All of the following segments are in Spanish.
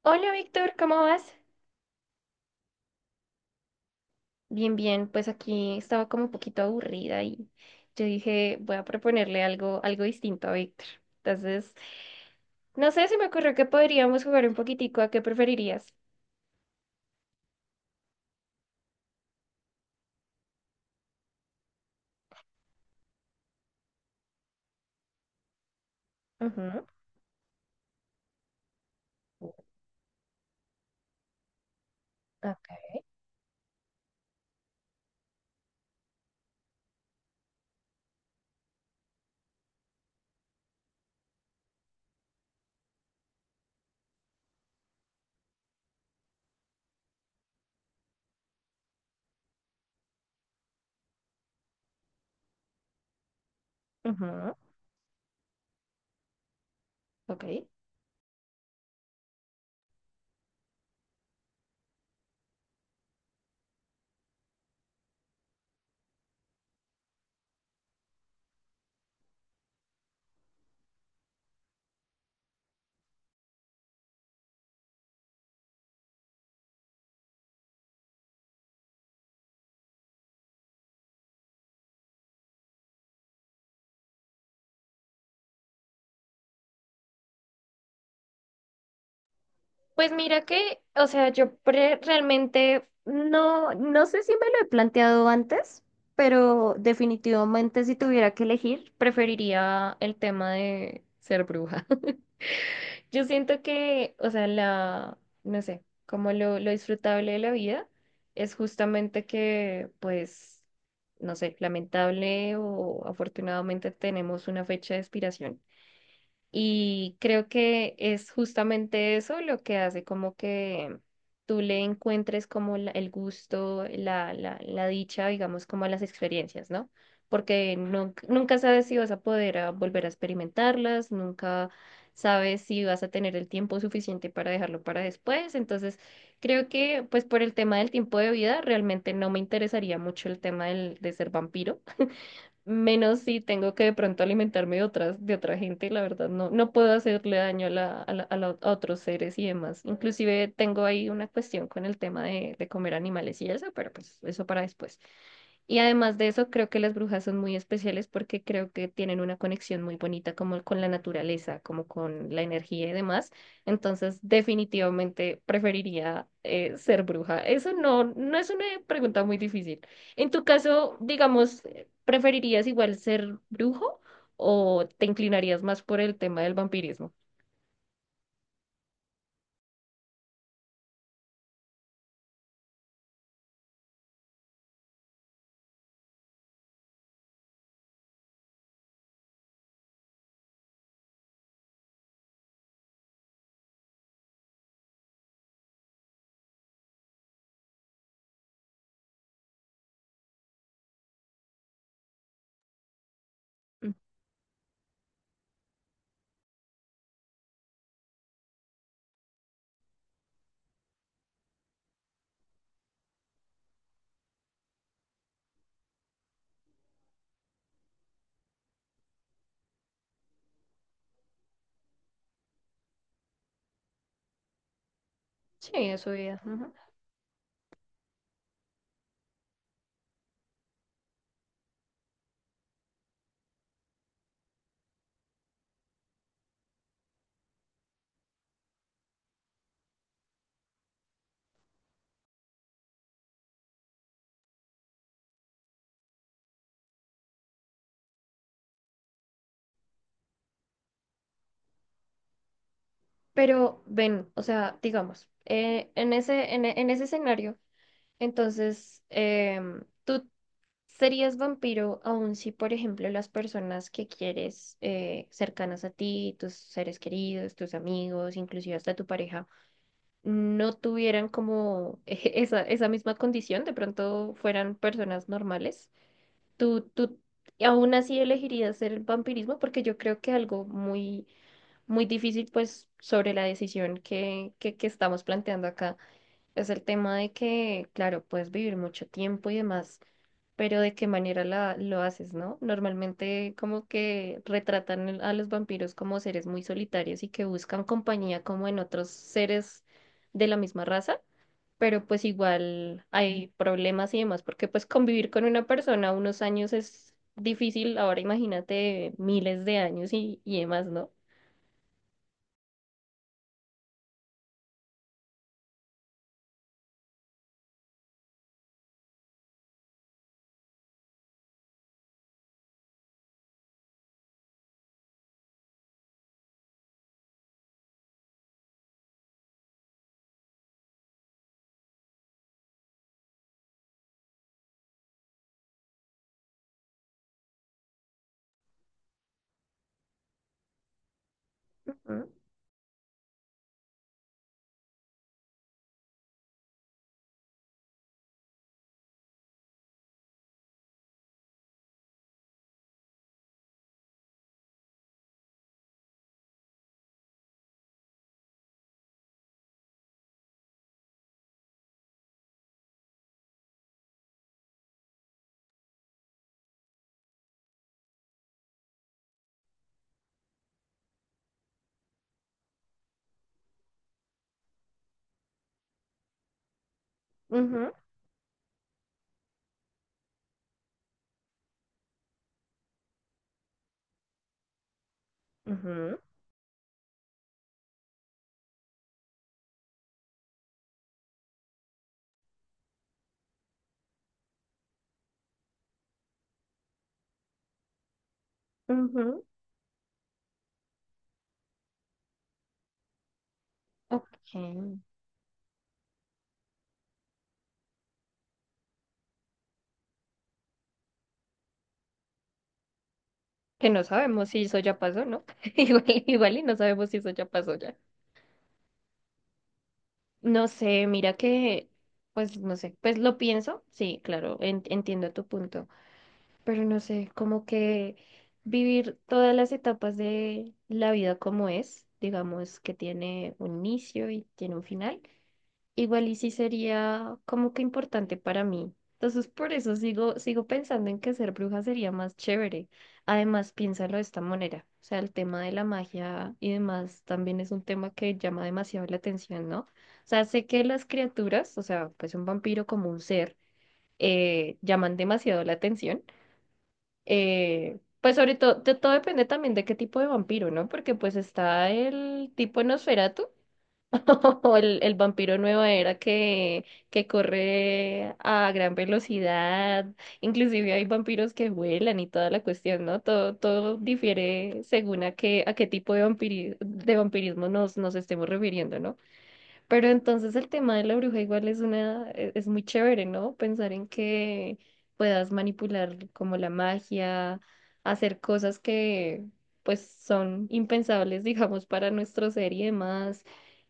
Hola Víctor, ¿cómo vas? Bien, bien, pues aquí estaba como un poquito aburrida y yo dije, voy a proponerle algo, distinto a Víctor. Entonces, no sé, se me ocurrió que podríamos jugar un poquitico a qué preferirías. Ujú. Okay. Ujú, ok. Pues mira que, o sea, realmente no sé si me lo he planteado antes, pero definitivamente si tuviera que elegir, preferiría el tema de ser bruja. Yo siento que, o sea, no sé, lo disfrutable de la vida es justamente que, pues, no sé, lamentable o afortunadamente tenemos una fecha de expiración. Y creo que es justamente eso lo que hace como que tú le encuentres como el gusto, la dicha, digamos, como a las experiencias, ¿no? Porque nunca sabes si vas a poder volver a experimentarlas, nunca sabes si vas a tener el tiempo suficiente para dejarlo para después. Entonces, creo que pues por el tema del tiempo de vida, realmente no me interesaría mucho el tema de ser vampiro menos si tengo que de pronto alimentarme de otra gente, la verdad, no, no puedo hacerle daño a a otros seres y demás. Inclusive tengo ahí una cuestión con el tema de comer animales y eso, pero pues eso para después. Y además de eso, creo que las brujas son muy especiales porque creo que tienen una conexión muy bonita como con la naturaleza, como con la energía y demás. Entonces, definitivamente preferiría ser bruja. Eso no, no es una pregunta muy difícil. En tu caso, digamos, ¿preferirías igual ser brujo o te inclinarías más por el tema del vampirismo? Mm. Sí, eso vida. Ujú. Pero ven, o sea, digamos, en ese, en ese escenario, entonces, tú serías vampiro aun si, por ejemplo, las personas que quieres cercanas a ti, tus seres queridos, tus amigos, inclusive hasta tu pareja, no tuvieran como esa misma condición, de pronto fueran personas normales. Tú aún así elegirías hacer el vampirismo porque yo creo que algo muy, muy difícil, pues, sobre la decisión que estamos planteando acá es el tema de que, claro, puedes vivir mucho tiempo y demás, pero de qué manera lo haces, ¿no? Normalmente como que retratan a los vampiros como seres muy solitarios y que buscan compañía como en otros seres de la misma raza, pero pues igual hay problemas y demás, porque pues convivir con una persona unos años es difícil, ahora imagínate miles de años y demás, ¿no? Ujú, ujú, ujú, ujú, ok. Que no sabemos si eso ya pasó, ¿no? Igual, igual y no sabemos si eso ya pasó ya. No sé, mira que, pues no sé, pues lo pienso, sí, claro, entiendo tu punto. Pero no sé, como que vivir todas las etapas de la vida como es, digamos que tiene un inicio y tiene un final, igual y sí sería como que importante para mí. Entonces por eso sigo, sigo pensando en que ser bruja sería más chévere. Además, piénsalo de esta manera. O sea, el tema de la magia y demás también es un tema que llama demasiado la atención, ¿no? O sea, sé que las criaturas, o sea, pues un vampiro como un ser, llaman demasiado la atención, pues sobre todo, todo depende también de qué tipo de vampiro, ¿no? Porque pues está el tipo Nosferatu o el vampiro nueva era que corre a gran velocidad, inclusive hay vampiros que vuelan y toda la cuestión, ¿no? Todo, todo difiere según a qué tipo de vampirismo nos estemos refiriendo, ¿no? Pero entonces el tema de la bruja igual es una, es muy chévere, ¿no? Pensar en que puedas manipular como la magia, hacer cosas que pues son impensables, digamos, para nuestro ser y demás,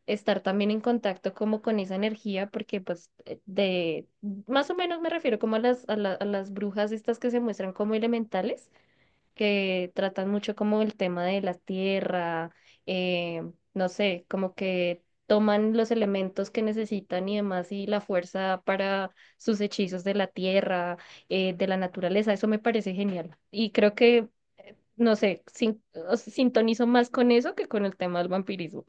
estar también en contacto como con esa energía, porque pues más o menos me refiero como a a las brujas estas que se muestran como elementales que tratan mucho como el tema de la tierra, eh, no sé, como que toman los elementos que necesitan y demás y la fuerza para sus hechizos de la tierra, de la naturaleza, eso me parece genial. Y creo que, no sé, o sea, sintonizo más con eso que con el tema del vampirismo.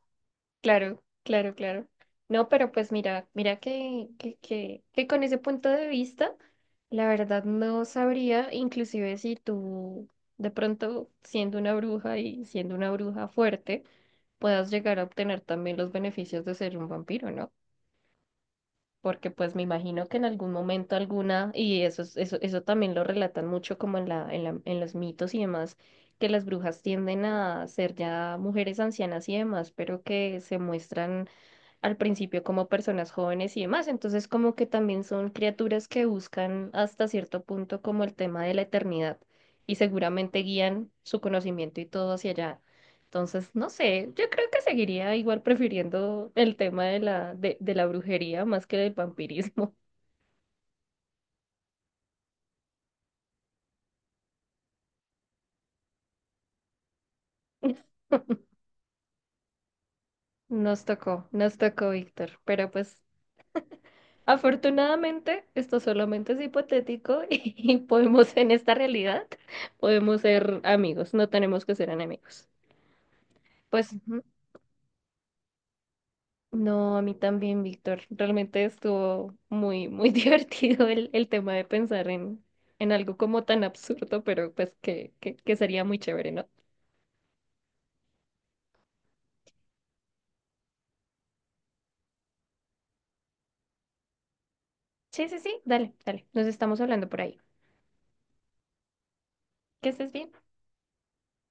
Claro, claro, claro. No, pero pues mira, mira que con ese punto de vista, la verdad no sabría, inclusive si tú de pronto siendo una bruja y siendo una bruja fuerte, puedas llegar a obtener también los beneficios de ser un vampiro, ¿no? Porque pues me imagino que en algún momento alguna, y eso, eso también lo relatan mucho como en los mitos y demás, que las brujas tienden a ser ya mujeres ancianas y demás, pero que se muestran al principio como personas jóvenes y demás. Entonces, como que también son criaturas que buscan hasta cierto punto como el tema de la eternidad y seguramente guían su conocimiento y todo hacia allá. Entonces, no sé, yo creo que seguiría igual prefiriendo el tema de la brujería más que del vampirismo. Nos tocó, Víctor, pero pues afortunadamente esto solamente es hipotético y podemos en esta realidad, podemos ser amigos, no tenemos que ser enemigos. Pues ujú. No, a mí también, Víctor. Realmente estuvo muy, muy divertido el tema de pensar en algo como tan absurdo, pero pues que sería muy chévere, ¿no? Sí, sí, sí, dale, dale. Nos estamos hablando por ahí. Que estés bien.